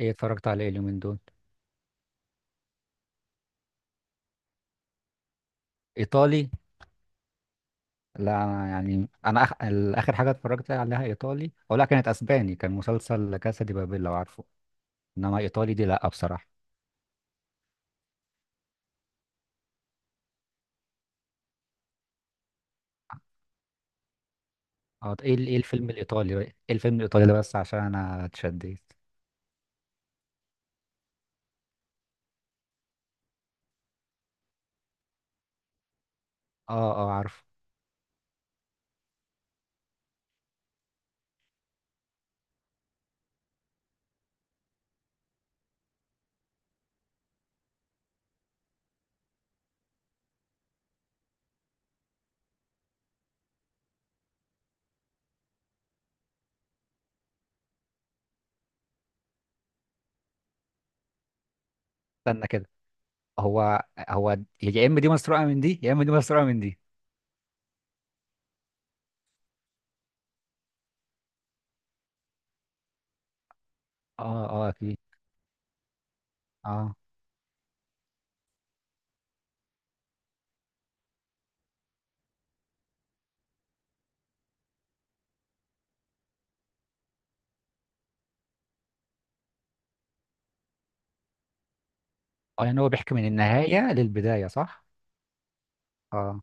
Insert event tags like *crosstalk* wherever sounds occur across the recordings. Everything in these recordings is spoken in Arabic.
ايه اتفرجت على ايه اليومين دول؟ ايطالي. لا أنا يعني اخر حاجه اتفرجت عليها ايطالي او لا، كانت اسباني، كان مسلسل لا كاسا دي بابيل، لو عارفه. انما ايطالي دي لا بصراحه. اه، ايه الفيلم الايطالي بقى؟ ايه الفيلم الايطالي ده، بس عشان انا اتشديت. اه عارفه. استنى كده. هو يا اما دي مسروقه من دي، يا اما دي مسروقه من دي. اه اكيد. اه اه يعني هو بيحكي من النهايه للبدايه، صح. اه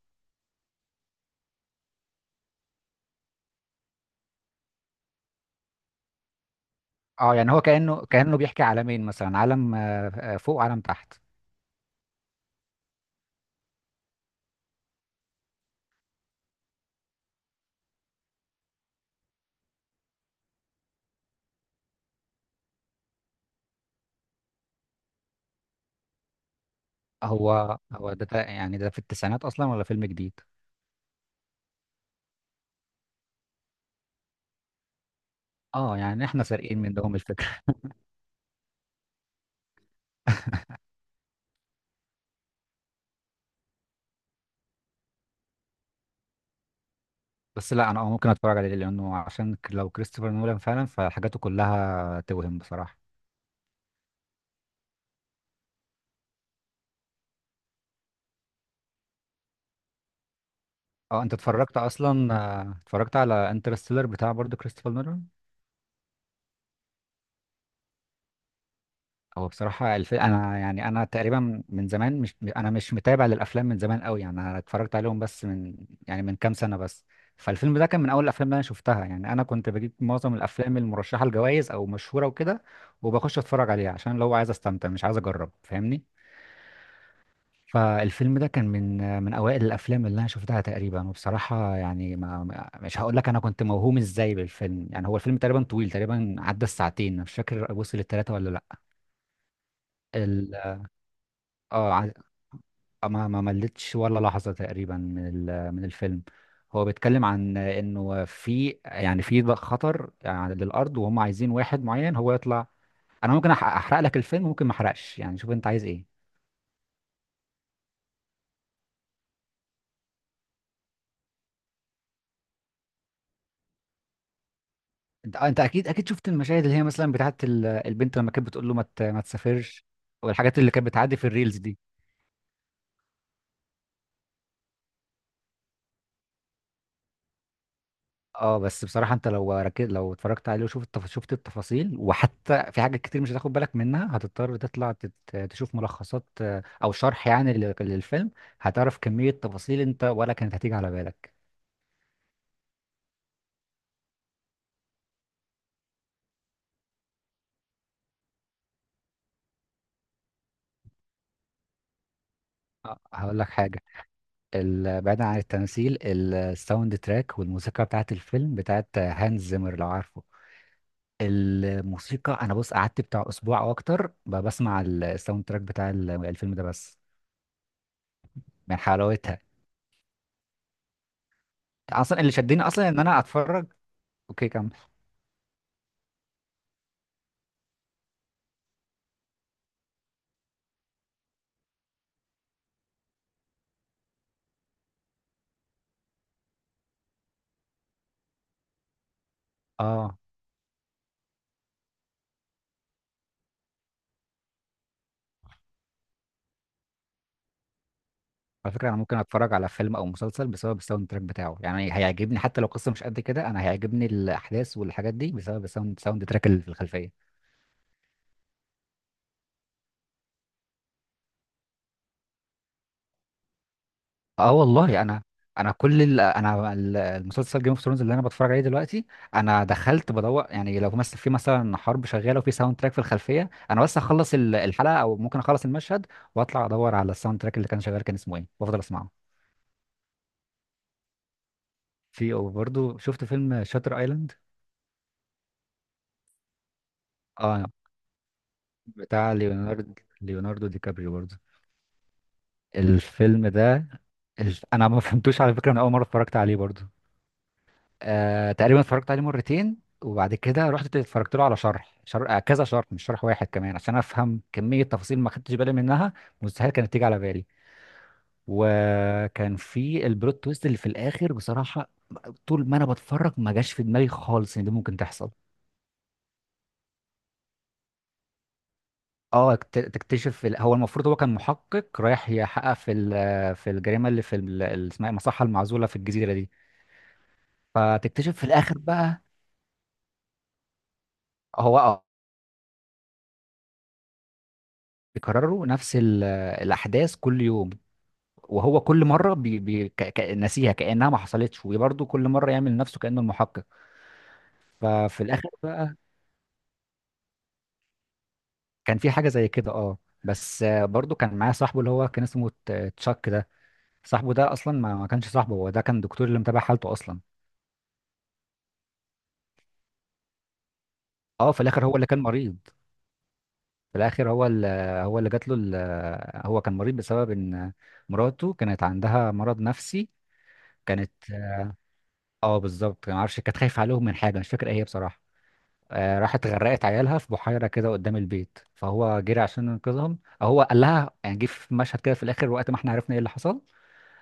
اه، يعني هو كانه بيحكي عالمين، مثلا عالم فوق وعالم تحت. هو ده يعني ده في التسعينات اصلا، ولا فيلم جديد؟ اه، يعني احنا سارقين منهم الفكره. *laughs* بس لا انا اه ممكن اتفرج عليه، لانه عشان لو كريستوفر نولان فعلا، فحاجاته كلها توهم بصراحه. اه، انت اتفرجت اصلا، آه، اتفرجت على انترستيلر بتاع برضه كريستوفر نولان؟ هو بصراحة أنا يعني تقريبا من زمان مش متابع للأفلام من زمان قوي، يعني أنا اتفرجت عليهم بس من، يعني من كام سنة بس. فالفيلم ده كان من أول الأفلام اللي أنا شفتها. يعني أنا كنت بجيب معظم الأفلام المرشحة لجوائز أو مشهورة وكده، وبخش أتفرج عليها، عشان لو عايز أستمتع مش عايز أجرب، فاهمني؟ فالفيلم ده كان من من أوائل الأفلام اللي أنا شفتها تقريبا. وبصراحة يعني مش هقول لك أنا كنت موهوم إزاي بالفيلم. يعني هو الفيلم تقريبا طويل، تقريبا عدى الساعتين، أنا مش فاكر وصل للتلاتة ولا لأ. اه ع- ما ملتش ولا لحظة تقريبا من من الفيلم. هو بيتكلم عن انه في يعني في خطر يعني للارض، وهم عايزين واحد معين هو يطلع. انا ممكن احرق لك الفيلم، ممكن ما احرقش، يعني شوف انت عايز ايه. انت آه، انت اكيد اكيد شفت المشاهد اللي هي مثلا بتاعت البنت لما كانت بتقول له ما تسافرش، والحاجات اللي كانت بتعدي في الريلز دي. اه بس بصراحة انت لو ركز، لو اتفرجت عليه وشفت شفت التفاصيل، وحتى في حاجات كتير مش هتاخد بالك منها، هتضطر تطلع تشوف ملخصات او شرح يعني للفيلم. هتعرف كمية تفاصيل انت ولا كانت هتيجي على بالك. آه، هقول لك حاجة. بعيدا عن التمثيل، الساوند تراك والموسيقى بتاعت الفيلم بتاعت هانز زيمر، لو عارفه. الموسيقى انا بص، قعدت بتاع اسبوع او اكتر بسمع الساوند تراك بتاع الفيلم ده بس، من حلاوتها. اصلا اللي شدني اصلا ان انا اتفرج. اوكي، كمل. اه، على فكرة انا ممكن اتفرج على فيلم او مسلسل بسبب الساوند تراك بتاعه. يعني هيعجبني حتى لو قصة مش قد كده، انا هيعجبني الاحداث والحاجات دي بسبب الساوند، ساوند تراك اللي في الخلفية. اه والله انا، انا كل انا المسلسل جيم اوف ثرونز اللي انا بتفرج عليه دلوقتي، انا دخلت بدور. يعني لو مثلا في مثلا حرب شغاله، وفي ساوند تراك في الخلفيه، انا بس اخلص الحلقه، او ممكن اخلص المشهد، واطلع ادور على الساوند تراك اللي كان شغال كان اسمه ايه، وافضل اسمعه. في وبرضه شفت فيلم شاتر ايلاند. اه بتاع ليوناردو، ليوناردو دي كابريو برضه الفيلم ده. انا ما فهمتوش على فكره من اول مره اتفرجت عليه برضو. تقريبا اتفرجت عليه مرتين، وبعد كده رحت اتفرجت له على شرح، شرح آه، كذا شرح، مش شرح واحد كمان، عشان افهم كميه تفاصيل ما خدتش بالي منها، مستحيل كانت تيجي على بالي. وكان في البلوت تويست اللي في الاخر بصراحه، طول ما انا بتفرج ما جاش في دماغي خالص ان دي ممكن تحصل. تكتشف في هو المفروض هو كان محقق رايح يحقق في في الجريمه اللي في اللي اسمها إيه؟ المصحه المعزوله في الجزيره دي. فتكتشف في الاخر بقى. هو اه بيكرروا نفس الاحداث كل يوم، وهو كل مره ناسيها كانها ما حصلتش، وبرضه كل مره يعمل نفسه كانه المحقق. ففي الاخر بقى كان في حاجه زي كده، اه. بس آه، برضه كان معايا صاحبه اللي هو كان اسمه تشاك ده، صاحبه ده اصلا ما كانش صاحبه، هو ده كان دكتور اللي متابع حالته اصلا. اه، في الاخر هو اللي كان مريض. في الاخر هو اللي هو اللي جات له هو كان مريض بسبب ان مراته كانت عندها مرض نفسي. كانت، اه بالظبط. ما اعرفش كانت خايفه عليهم من حاجه، مش فاكر ايه هي بصراحه. آه راحت غرقت عيالها في بحيره كده قدام البيت، فهو جري عشان ينقذهم. آه، هو قال لها يعني، جه في مشهد كده في الاخر وقت ما احنا عرفنا ايه اللي حصل.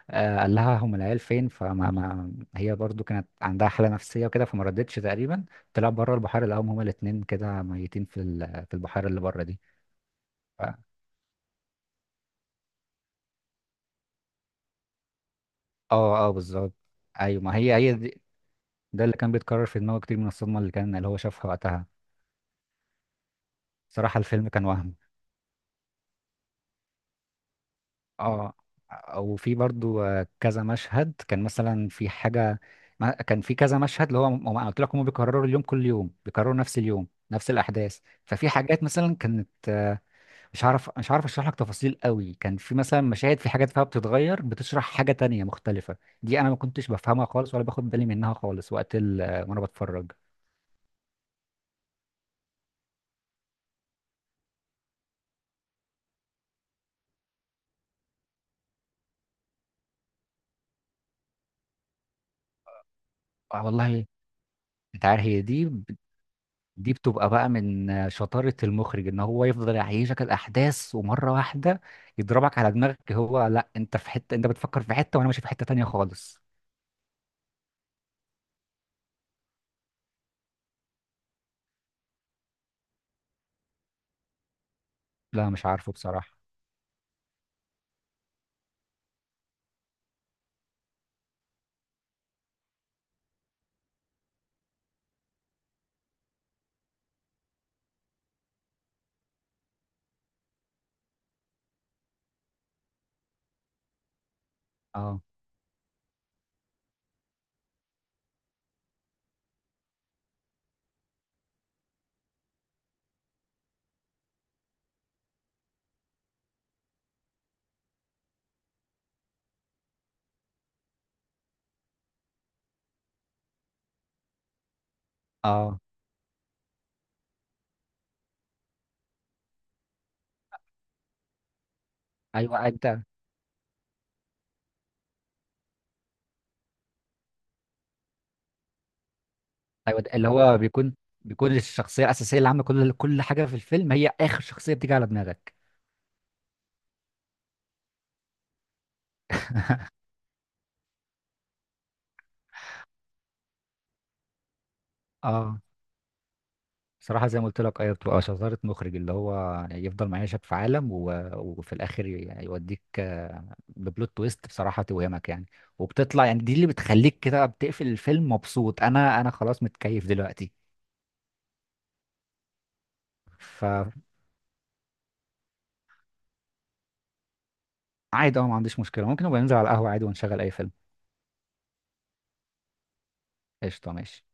آه قال لها هم العيال فين، فما ما هي برضو كانت عندها حاله نفسيه وكده، فما ردتش تقريبا. طلع بره البحيره لقاهم هما الاتنين كده ميتين في في البحيره اللي بره دي. ف- اه بالظبط. ايوه ما هي هي دي، ده اللي كان بيتكرر في دماغه كتير من الصدمه اللي كان اللي هو شافها وقتها. صراحه الفيلم كان وهم. اه، وفي برضو آه، كذا مشهد كان مثلا في حاجة كان في كذا مشهد اللي هو ما أنا قلت لك هم بيكرروا اليوم، كل يوم بيكرروا نفس اليوم نفس الأحداث. ففي حاجات مثلا كانت آه، مش عارف أشرح لك تفاصيل قوي، كان في مثلا مشاهد، في حاجات فيها بتتغير بتشرح حاجة تانية مختلفة. دي أنا ما كنتش بفهمها خالص، ولا باخد بالي منها خالص وقت آه، وأنا بتفرج. آه والله. أنت عارف، هي دي، دي بتبقى بقى من شطارة المخرج، ان هو يفضل يعيشك الاحداث ومرة واحدة يضربك على دماغك. هو لا، انت في حتة، انت بتفكر في حتة وانا ماشي في حتة تانية خالص. لا مش عارفه بصراحة. اه. اه ايوه انت. ايوه ده اللي هو بيكون الشخصية الاساسية اللي عاملة كل حاجة في الفيلم هي اخر شخصية بتيجي على دماغك. اه صراحة زي ما قلت لك، أيوة بتبقى شطارة مخرج اللي هو يعني يفضل معيشك في عالم، وفي الآخر يعني يوديك ببلوت تويست بصراحة، توهمك يعني. وبتطلع، يعني دي اللي بتخليك كده بتقفل الفيلم مبسوط. أنا خلاص متكيف دلوقتي. فعادي. أه ما عنديش مشكلة، ممكن نبقى ننزل على القهوة عادي ونشغل أي فيلم. قشطة، ماشي.